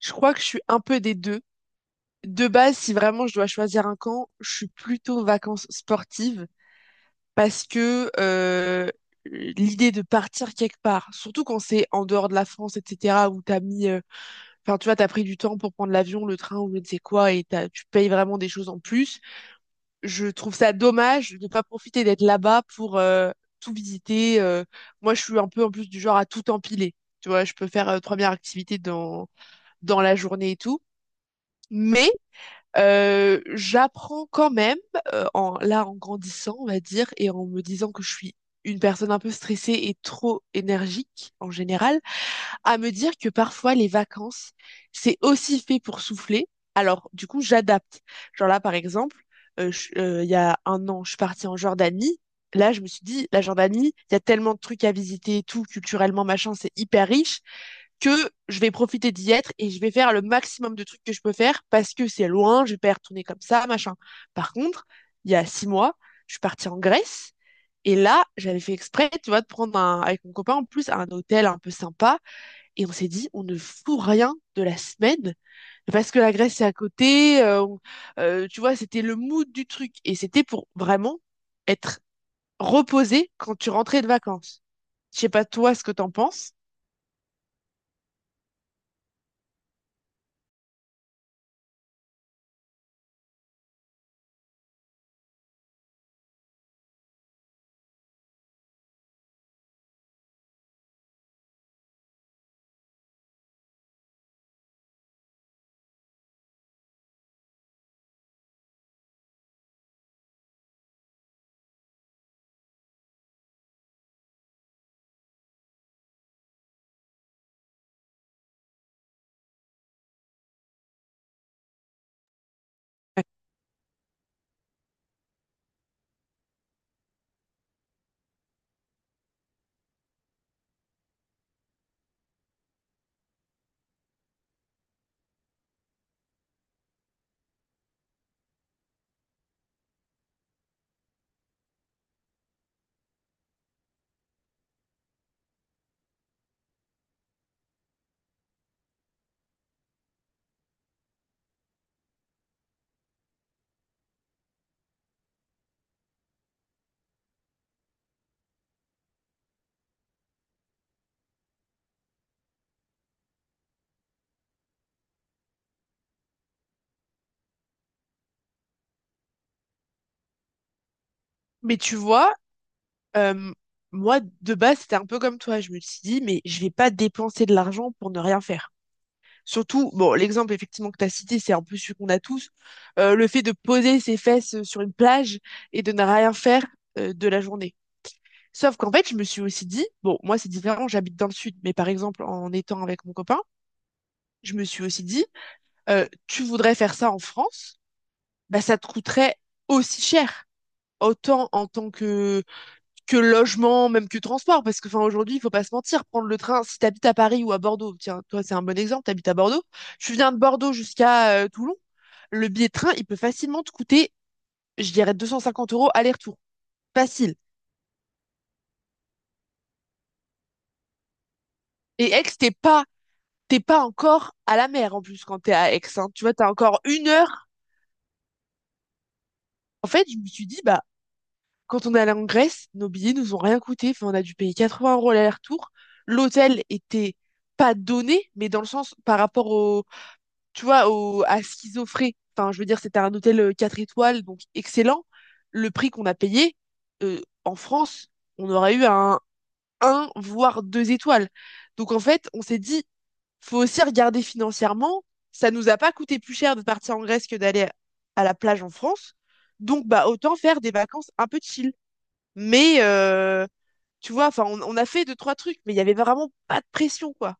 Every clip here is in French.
Je crois que je suis un peu des deux. De base, si vraiment je dois choisir un camp, je suis plutôt vacances sportives parce que l'idée de partir quelque part, surtout quand c'est en dehors de la France, etc., où t'as mis, enfin tu vois, t'as pris du temps pour prendre l'avion, le train ou je ne sais quoi, et tu payes vraiment des choses en plus. Je trouve ça dommage de ne pas profiter d'être là-bas pour tout visiter. Moi, je suis un peu en plus du genre à tout empiler. Tu vois, je peux faire trois 3 activités dans la journée et tout. Mais j'apprends quand même, là en grandissant, on va dire, et en me disant que je suis une personne un peu stressée et trop énergique en général, à me dire que parfois les vacances, c'est aussi fait pour souffler. Alors, du coup, j'adapte. Genre là, par exemple, il y a un an, je suis partie en Jordanie. Là, je me suis dit, la Jordanie, il y a tellement de trucs à visiter et tout, culturellement, machin, c'est hyper riche que je vais profiter d'y être et je vais faire le maximum de trucs que je peux faire parce que c'est loin, je vais pas y retourner comme ça, machin. Par contre, il y a 6 mois, je suis partie en Grèce et là, j'avais fait exprès, tu vois, de prendre un, avec mon copain en plus un hôtel un peu sympa et on s'est dit, on ne fout rien de la semaine parce que la Grèce c'est à côté, tu vois, c'était le mood du truc et c'était pour vraiment être reposé quand tu rentrais de vacances. Je sais pas toi ce que t'en penses. Mais tu vois, Euh, moi, de base, c'était un peu comme toi. Je me suis dit, mais je vais pas dépenser de l'argent pour ne rien faire. Surtout, bon, l'exemple effectivement que tu as cité, c'est un peu celui qu'on a tous. Le fait de poser ses fesses sur une plage et de ne rien faire de la journée. Sauf qu'en fait, je me suis aussi dit, bon, moi c'est différent, j'habite dans le sud, mais par exemple, en étant avec mon copain, je me suis aussi dit, tu voudrais faire ça en France, bah ça te coûterait aussi cher. Autant en tant que logement, même que transport, parce que enfin aujourd'hui, il faut pas se mentir, prendre le train, si tu habites à Paris ou à Bordeaux, tiens, toi c'est un bon exemple, tu habites à Bordeaux, tu viens de Bordeaux jusqu'à Toulon, le billet de train, il peut facilement te coûter, je dirais, 250 € aller-retour. Facile. Et Aix, t'es pas encore à la mer en plus quand t'es à Aix, hein. Tu vois, t'as encore une heure. En fait, je me suis dit, bah, quand on est allé en Grèce, nos billets nous ont rien coûté. Enfin, on a dû payer 80 € l'aller-retour. L'hôtel était pas donné, mais dans le sens par rapport au tu vois, au, à ce qu'ils offraient. Enfin, je veux dire, c'était un hôtel 4 étoiles, donc excellent. Le prix qu'on a payé, en France, on aurait eu un 1, voire 2 étoiles. Donc, en fait, on s'est dit, faut aussi regarder financièrement. Ça nous a pas coûté plus cher de partir en Grèce que d'aller à la plage en France. Donc, bah, autant faire des vacances un peu chill. Mais, tu vois, enfin, on a fait deux, trois trucs, mais il y avait vraiment pas de pression, quoi.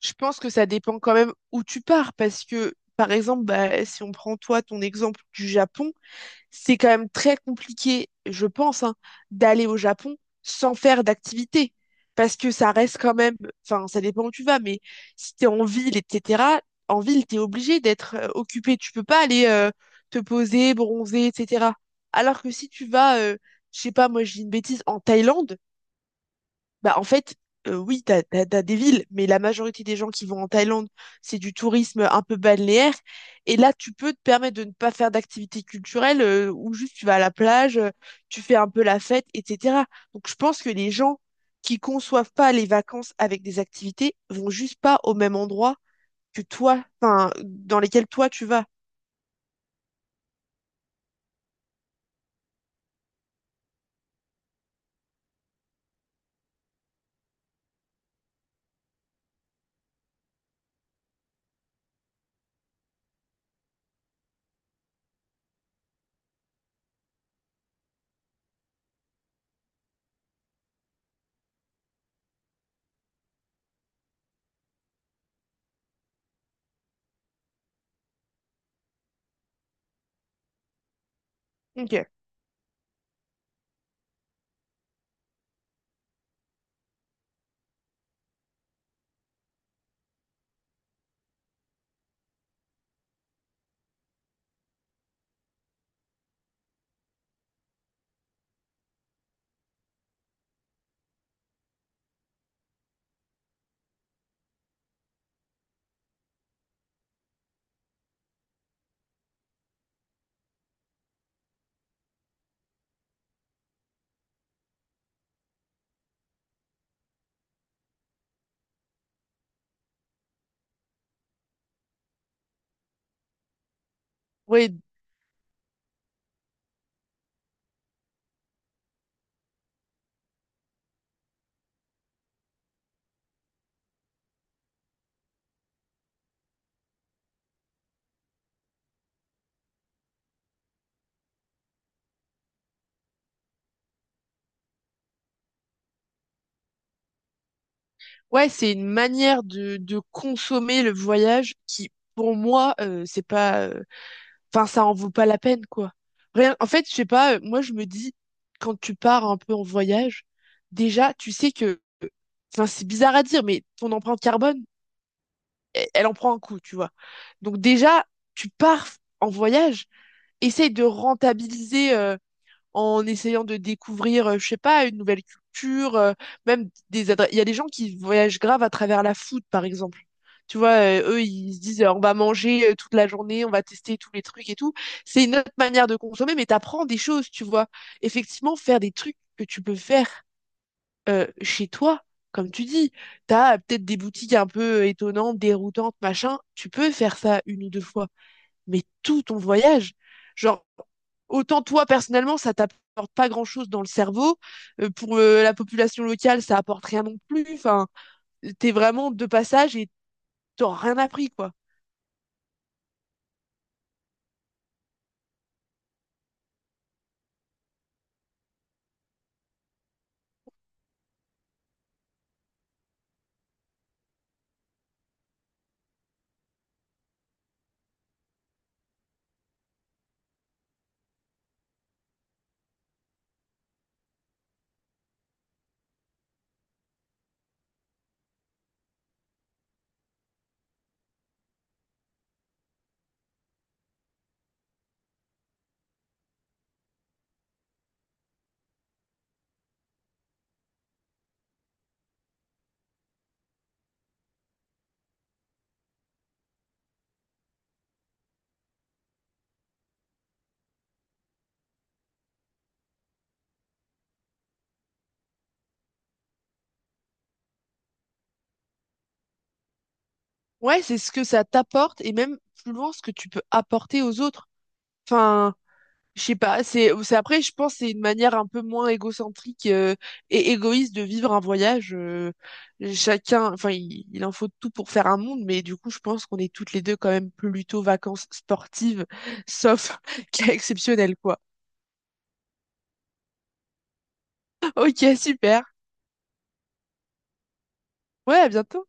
Je pense que ça dépend quand même où tu pars, parce que, par exemple, bah, si on prend toi ton exemple du Japon, c'est quand même très compliqué, je pense, hein, d'aller au Japon sans faire d'activité, parce que ça reste quand même, enfin, ça dépend où tu vas, mais si t'es en ville, etc., en ville, t'es obligé d'être occupé, tu peux pas aller te poser, bronzer, etc. Alors que si tu vas, je sais pas, moi, je dis une bêtise, en Thaïlande, bah, en fait, oui, t'as des villes, mais la majorité des gens qui vont en Thaïlande, c'est du tourisme un peu balnéaire. Et là, tu peux te permettre de ne pas faire d'activité culturelle ou juste tu vas à la plage, tu fais un peu la fête, etc. Donc, je pense que les gens qui conçoivent pas les vacances avec des activités vont juste pas au même endroit que toi, enfin, dans lesquels toi tu vas. Ok. Ouais, ouais, c'est une manière de consommer le voyage qui, pour moi, c'est pas. Enfin, ça en vaut pas la peine, quoi. Rien, en fait, je sais pas, moi je me dis, quand tu pars un peu en voyage, déjà, tu sais que, enfin, c'est bizarre à dire, mais ton empreinte carbone, elle en prend un coup, tu vois. Donc déjà, tu pars en voyage, essaye de rentabiliser en essayant de découvrir, je sais pas, une nouvelle culture, même des adresses. Il y a des gens qui voyagent grave à travers la food, par exemple. Tu vois, eux, ils se disent, on va manger toute la journée, on va tester tous les trucs et tout. C'est une autre manière de consommer, mais t'apprends des choses, tu vois. Effectivement, faire des trucs que tu peux faire chez toi, comme tu dis. T'as peut-être des boutiques un peu étonnantes, déroutantes, machin. Tu peux faire ça une ou deux fois mais tout ton voyage. Genre, autant toi personnellement, ça t'apporte pas grand-chose dans le cerveau. Pour la population locale, ça apporte rien non plus. Enfin, t'es vraiment de passage et t'as rien appris, quoi. Ouais, c'est ce que ça t'apporte et même plus loin ce que tu peux apporter aux autres. Enfin, je sais pas, après je pense c'est une manière un peu moins égocentrique et égoïste de vivre un voyage. Chacun, enfin il en faut de tout pour faire un monde, mais du coup je pense qu'on est toutes les deux quand même plutôt vacances sportives, sauf cas exceptionnel quoi. Ok, super. Ouais, à bientôt.